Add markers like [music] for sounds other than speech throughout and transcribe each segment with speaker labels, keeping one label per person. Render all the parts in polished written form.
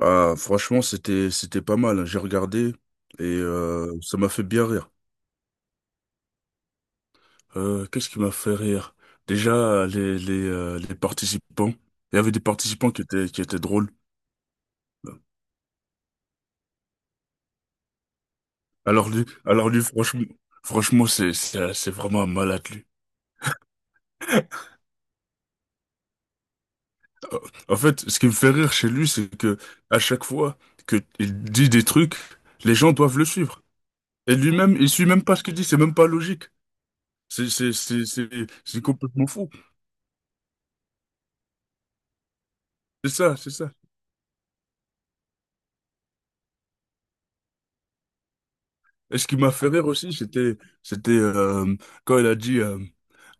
Speaker 1: Ah, franchement, c'était pas mal, hein. J'ai regardé et ça m'a fait bien rire. Qu'est-ce qui m'a fait rire? Déjà, les participants. Il y avait des participants qui étaient drôles. Alors lui, franchement, franchement, c'est vraiment un malade lui. Euh, En fait, ce qui me fait rire chez lui, c'est que à chaque fois que il dit des trucs, les gens doivent le suivre. Et lui-même, il suit même pas ce qu'il dit. C'est même pas logique. C'est c'est c'est c'est c'est complètement fou. C'est ça, c'est ça. Et ce qui m'a fait rire aussi, c'était quand elle a dit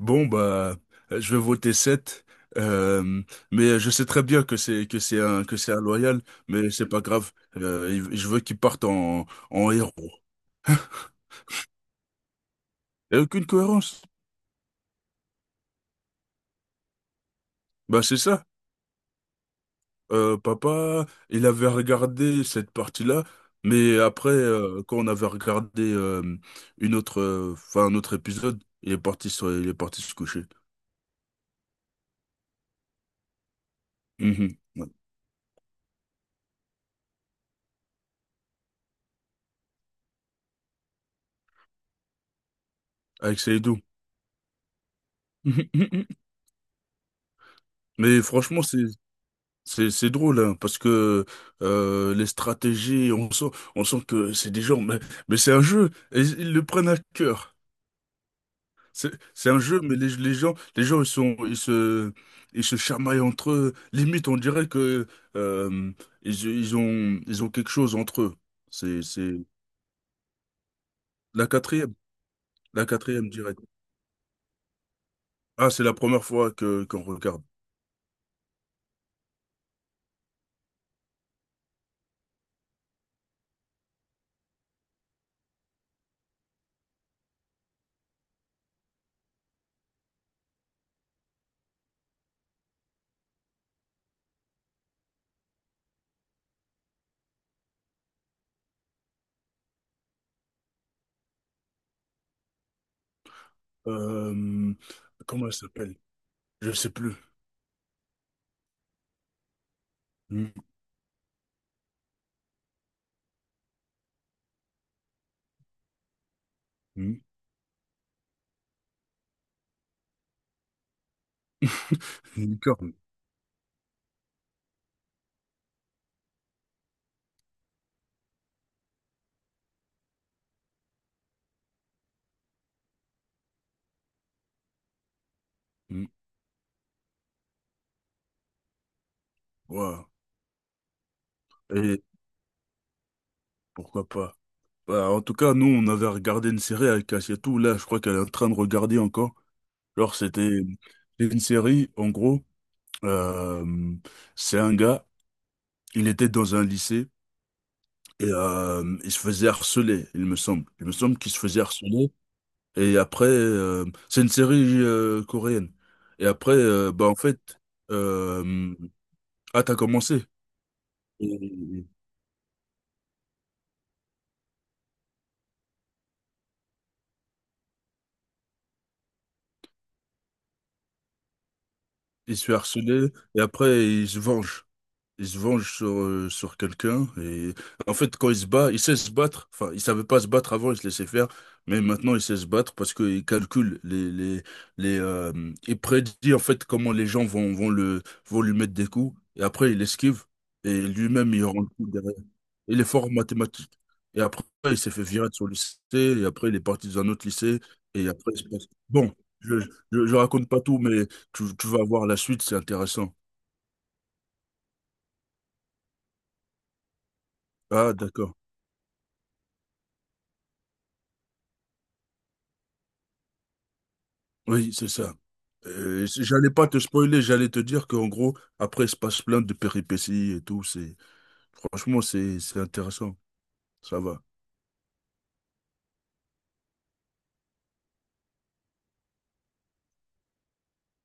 Speaker 1: bon bah je vais voter 7, euh, mais je sais très bien que c'est un loyal, mais c'est pas grave. Je veux qu'il parte en en héros. Il n'y a aucune cohérence. Bah c'est ça. Papa, il avait regardé cette partie-là, mais après quand on avait regardé une autre, enfin un autre épisode, il est parti se coucher. Mhm. Ouais. Avec Seydou. [laughs] Mais franchement, c'est drôle hein, parce que les stratégies, on sent que c'est des gens, mais c'est un jeu et ils le prennent à cœur. C'est un jeu, mais les gens ils se ils se chamaillent entre eux. Limite, on dirait que euh, ils ont quelque chose entre eux. C'est la quatrième, la quatrième direct. Ah, c'est la première fois que qu'on regarde. Euh, Comment elle s'appelle? Je sais plus. Une- une- [laughs] licorne. Ouais. Et pourquoi pas. Bah, en tout cas, nous, on avait regardé une série avec Asietou. Là, je crois qu'elle est en train de regarder encore. Genre, c'est une série, en gros. euh, c'est un gars, il était dans un lycée et il se faisait harceler, il me semble. Il me semble qu'il se faisait harceler. Et après, c'est une série coréenne. Et après, bah, en fait, euh, ah, t'as commencé. Et- Il se fait harceler et après, il se venge. Il se venge sur, sur quelqu'un et en fait quand il se bat, il sait se battre. Enfin, il savait pas se battre avant, il se laissait faire, mais maintenant il sait se battre parce qu'il calcule les il prédit en fait comment les gens vont lui mettre des coups et après il esquive et lui-même il rend le coup derrière. Il est fort en mathématiques. Et après il s'est fait virer de son lycée et après il est parti dans un autre lycée et après il se passe. Bon, je je raconte pas tout mais tu vas voir la suite, c'est intéressant. Ah, d'accord. Oui, c'est ça. J'allais pas te spoiler, j'allais te dire qu'en gros, après, il se passe plein de péripéties et tout. Franchement, c'est intéressant. Ça va.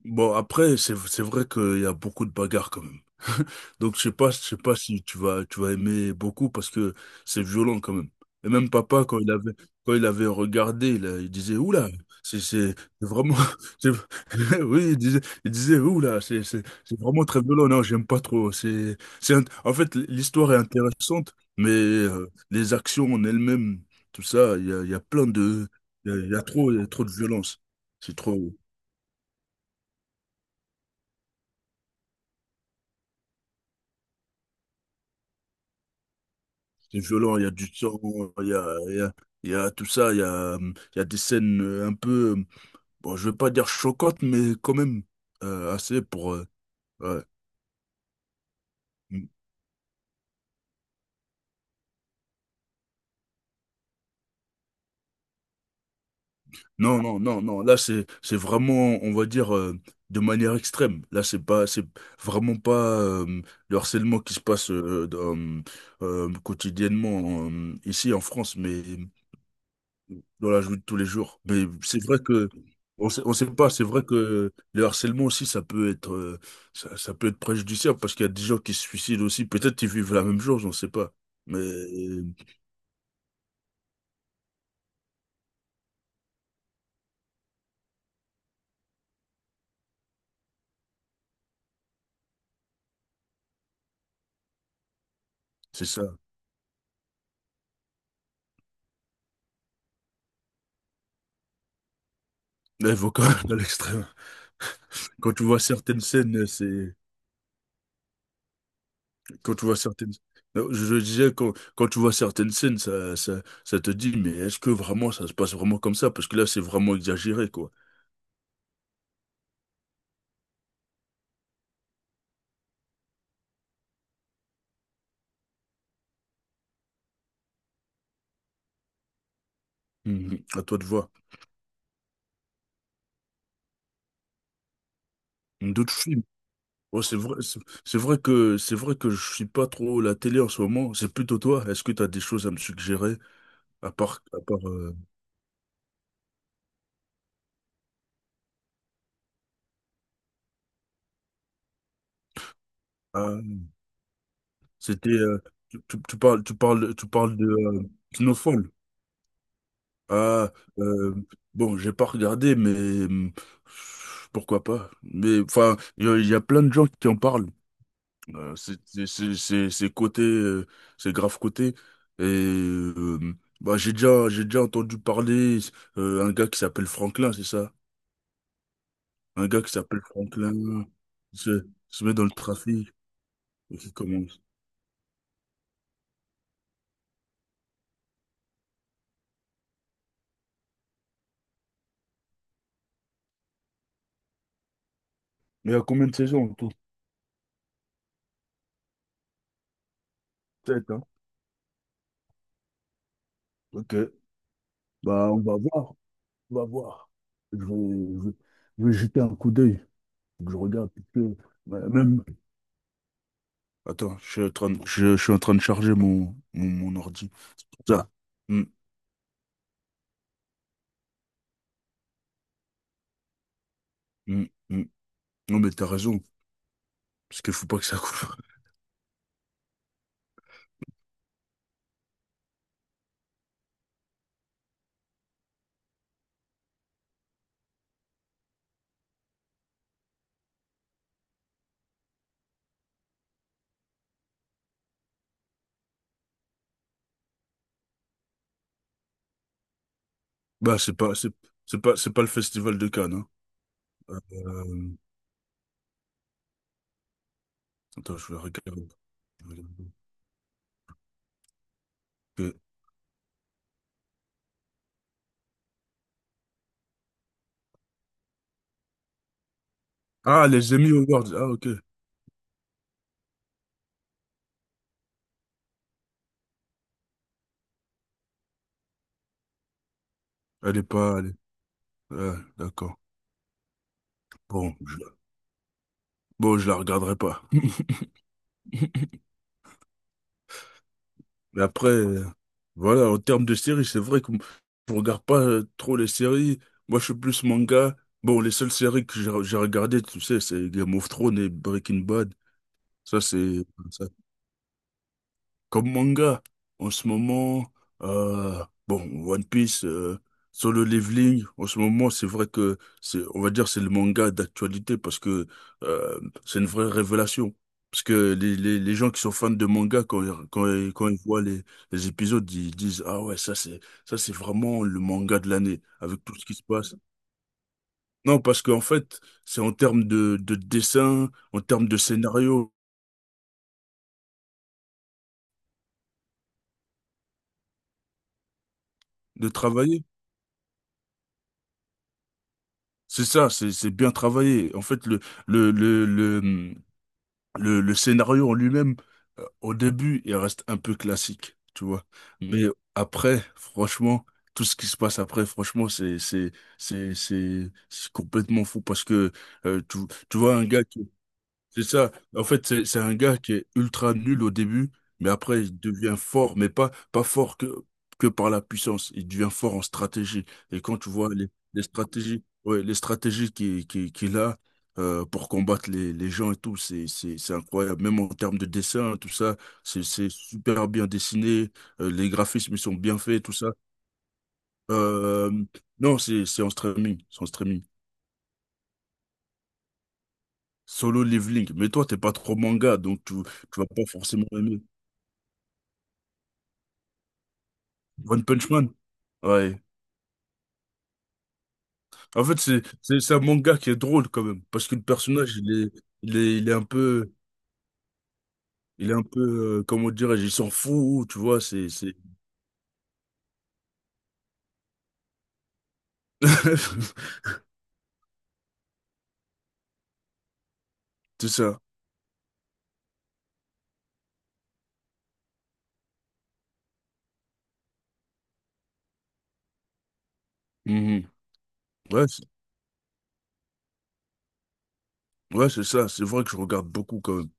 Speaker 1: Bon, après, c'est vrai qu'il y a beaucoup de bagarres quand même. [laughs] Donc, je sais pas si tu vas aimer beaucoup parce que c'est violent quand même. Et même papa, quand il avait regardé, il disait, oula, c'est vraiment, [laughs] c'est- [laughs] oui, il disait, oula, c'est vraiment très violent. Non, j'aime pas trop. En fait, l'histoire est intéressante, mais les actions en elles-mêmes, tout ça, il y a plein de, il y a trop, il y a trop de violence. C'est trop. C'est violent, il y a du sang, il y a, il y a, il y a tout ça, euh, il y a des scènes un peu, bon, je veux pas dire choquantes, mais quand même assez pour... ouais. Mm. Non, là c'est vraiment, on va dire, de manière extrême. Là, c'est vraiment pas le harcèlement qui se passe quotidiennement ici en France, mais dans la joue de tous les jours. Mais c'est vrai que on sait pas, c'est vrai que le harcèlement aussi, ça peut être préjudiciable parce qu'il y a des gens qui se suicident aussi. Peut-être qu'ils vivent la même chose, on sait pas. Mais c'est ça. Mais il faut quand même [laughs] à l'extrême. Quand tu vois certaines scènes, c'est, quand tu vois certaines, Non, je disais, quand tu vois certaines scènes, ça te dit, mais est-ce que vraiment ça se passe vraiment comme ça? Parce que là, c'est vraiment exagéré, quoi. Mhm. À toi de voir. D'autres films. Ouais, c'est vrai, c'est c'est vrai que je suis pas trop la télé en ce moment. C'est plutôt toi. Est-ce que tu as des choses à me suggérer à part ah, c'était euh, tu parles de Snowfall. Ah euh, bon, j'ai pas regardé mais pourquoi pas. Mais enfin, il y a plein de gens qui en parlent. C'est côté c'est grave côté et bah j'ai déjà entendu parler un gars qui s'appelle Franklin, c'est ça? Un gars qui s'appelle Franklin, se met dans le trafic et qui commence. Mais il y a combien de saisons en tout? Sept, hein? Ok. Bah, on va voir. On va voir. Je vais, je vais- je vais jeter un coup d'œil. Faut que je regarde, parce que, bah, même. Attends, je suis en train de charger mon ordi. Ça. Mm, mm, mm. Non, mais t'as raison. Parce qu'il faut pas que ça coupe. [laughs] Bah, c'est pas le festival de Cannes, hein. Euh, Attends, je vais regarder. Je vais regarder. Ok. Ah, les Emmy Awards. Ah, ok. Elle est pas. Elle est- Ouais, d'accord. Bon, je... bon, je la regarderai pas. Mais après, voilà, en termes de séries, c'est vrai que m- je regarde pas trop les séries. Moi, je suis plus manga. Bon, les seules séries que j'ai regardées, tu sais, c'est Game of Thrones et Breaking Bad. Ça, c'est. Comme manga, en ce moment, bon, One Piece, Solo Leveling, en ce moment, c'est vrai que c'est, on va dire, c'est le manga d'actualité parce que euh, c'est une vraie révélation. Parce que les gens qui sont fans de manga, quand ils voient les épisodes, ils disent, ah ouais, ça c'est vraiment le manga de l'année, avec tout ce qui se passe. Non, parce qu'en fait, c'est en termes de dessin, en termes de scénario, de travail. C'est ça, c'est bien travaillé. En fait, le le le hum, le scénario en lui-même, au début, il reste un peu classique, tu vois. Mais Mhm. après, franchement, tout ce qui se passe après, franchement, c'est complètement fou parce que euh, tu tu vois un gars c'est ça. En fait, c'est un gars qui est ultra nul au début, mais après, il devient fort, mais pas fort que par la puissance. Il devient fort en stratégie. Et quand tu vois les stratégies, ouais, les stratégies qu'il a pour combattre les gens et tout, c'est incroyable. Même en termes de dessin, tout ça, c'est super bien dessiné. Les graphismes, ils sont bien faits, tout ça. Euh, non, c'est en streaming. C'est en streaming. Solo Leveling. Mais toi, t'es pas trop manga, tu vas pas forcément aimer. One Punch Man? Ouais. En fait, c'est un manga qui est drôle quand même, parce que le personnage, il est, il est un peu, il est un peu, comment dirais-je, il s'en fout, tu vois, [laughs] c'est ça. Mhm. Ouais, c'est, ouais, c'est ça, c'est vrai que je regarde beaucoup quand même.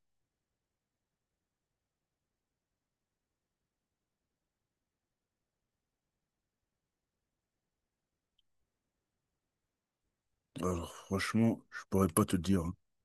Speaker 1: Alors, franchement, je pourrais pas te dire, hein.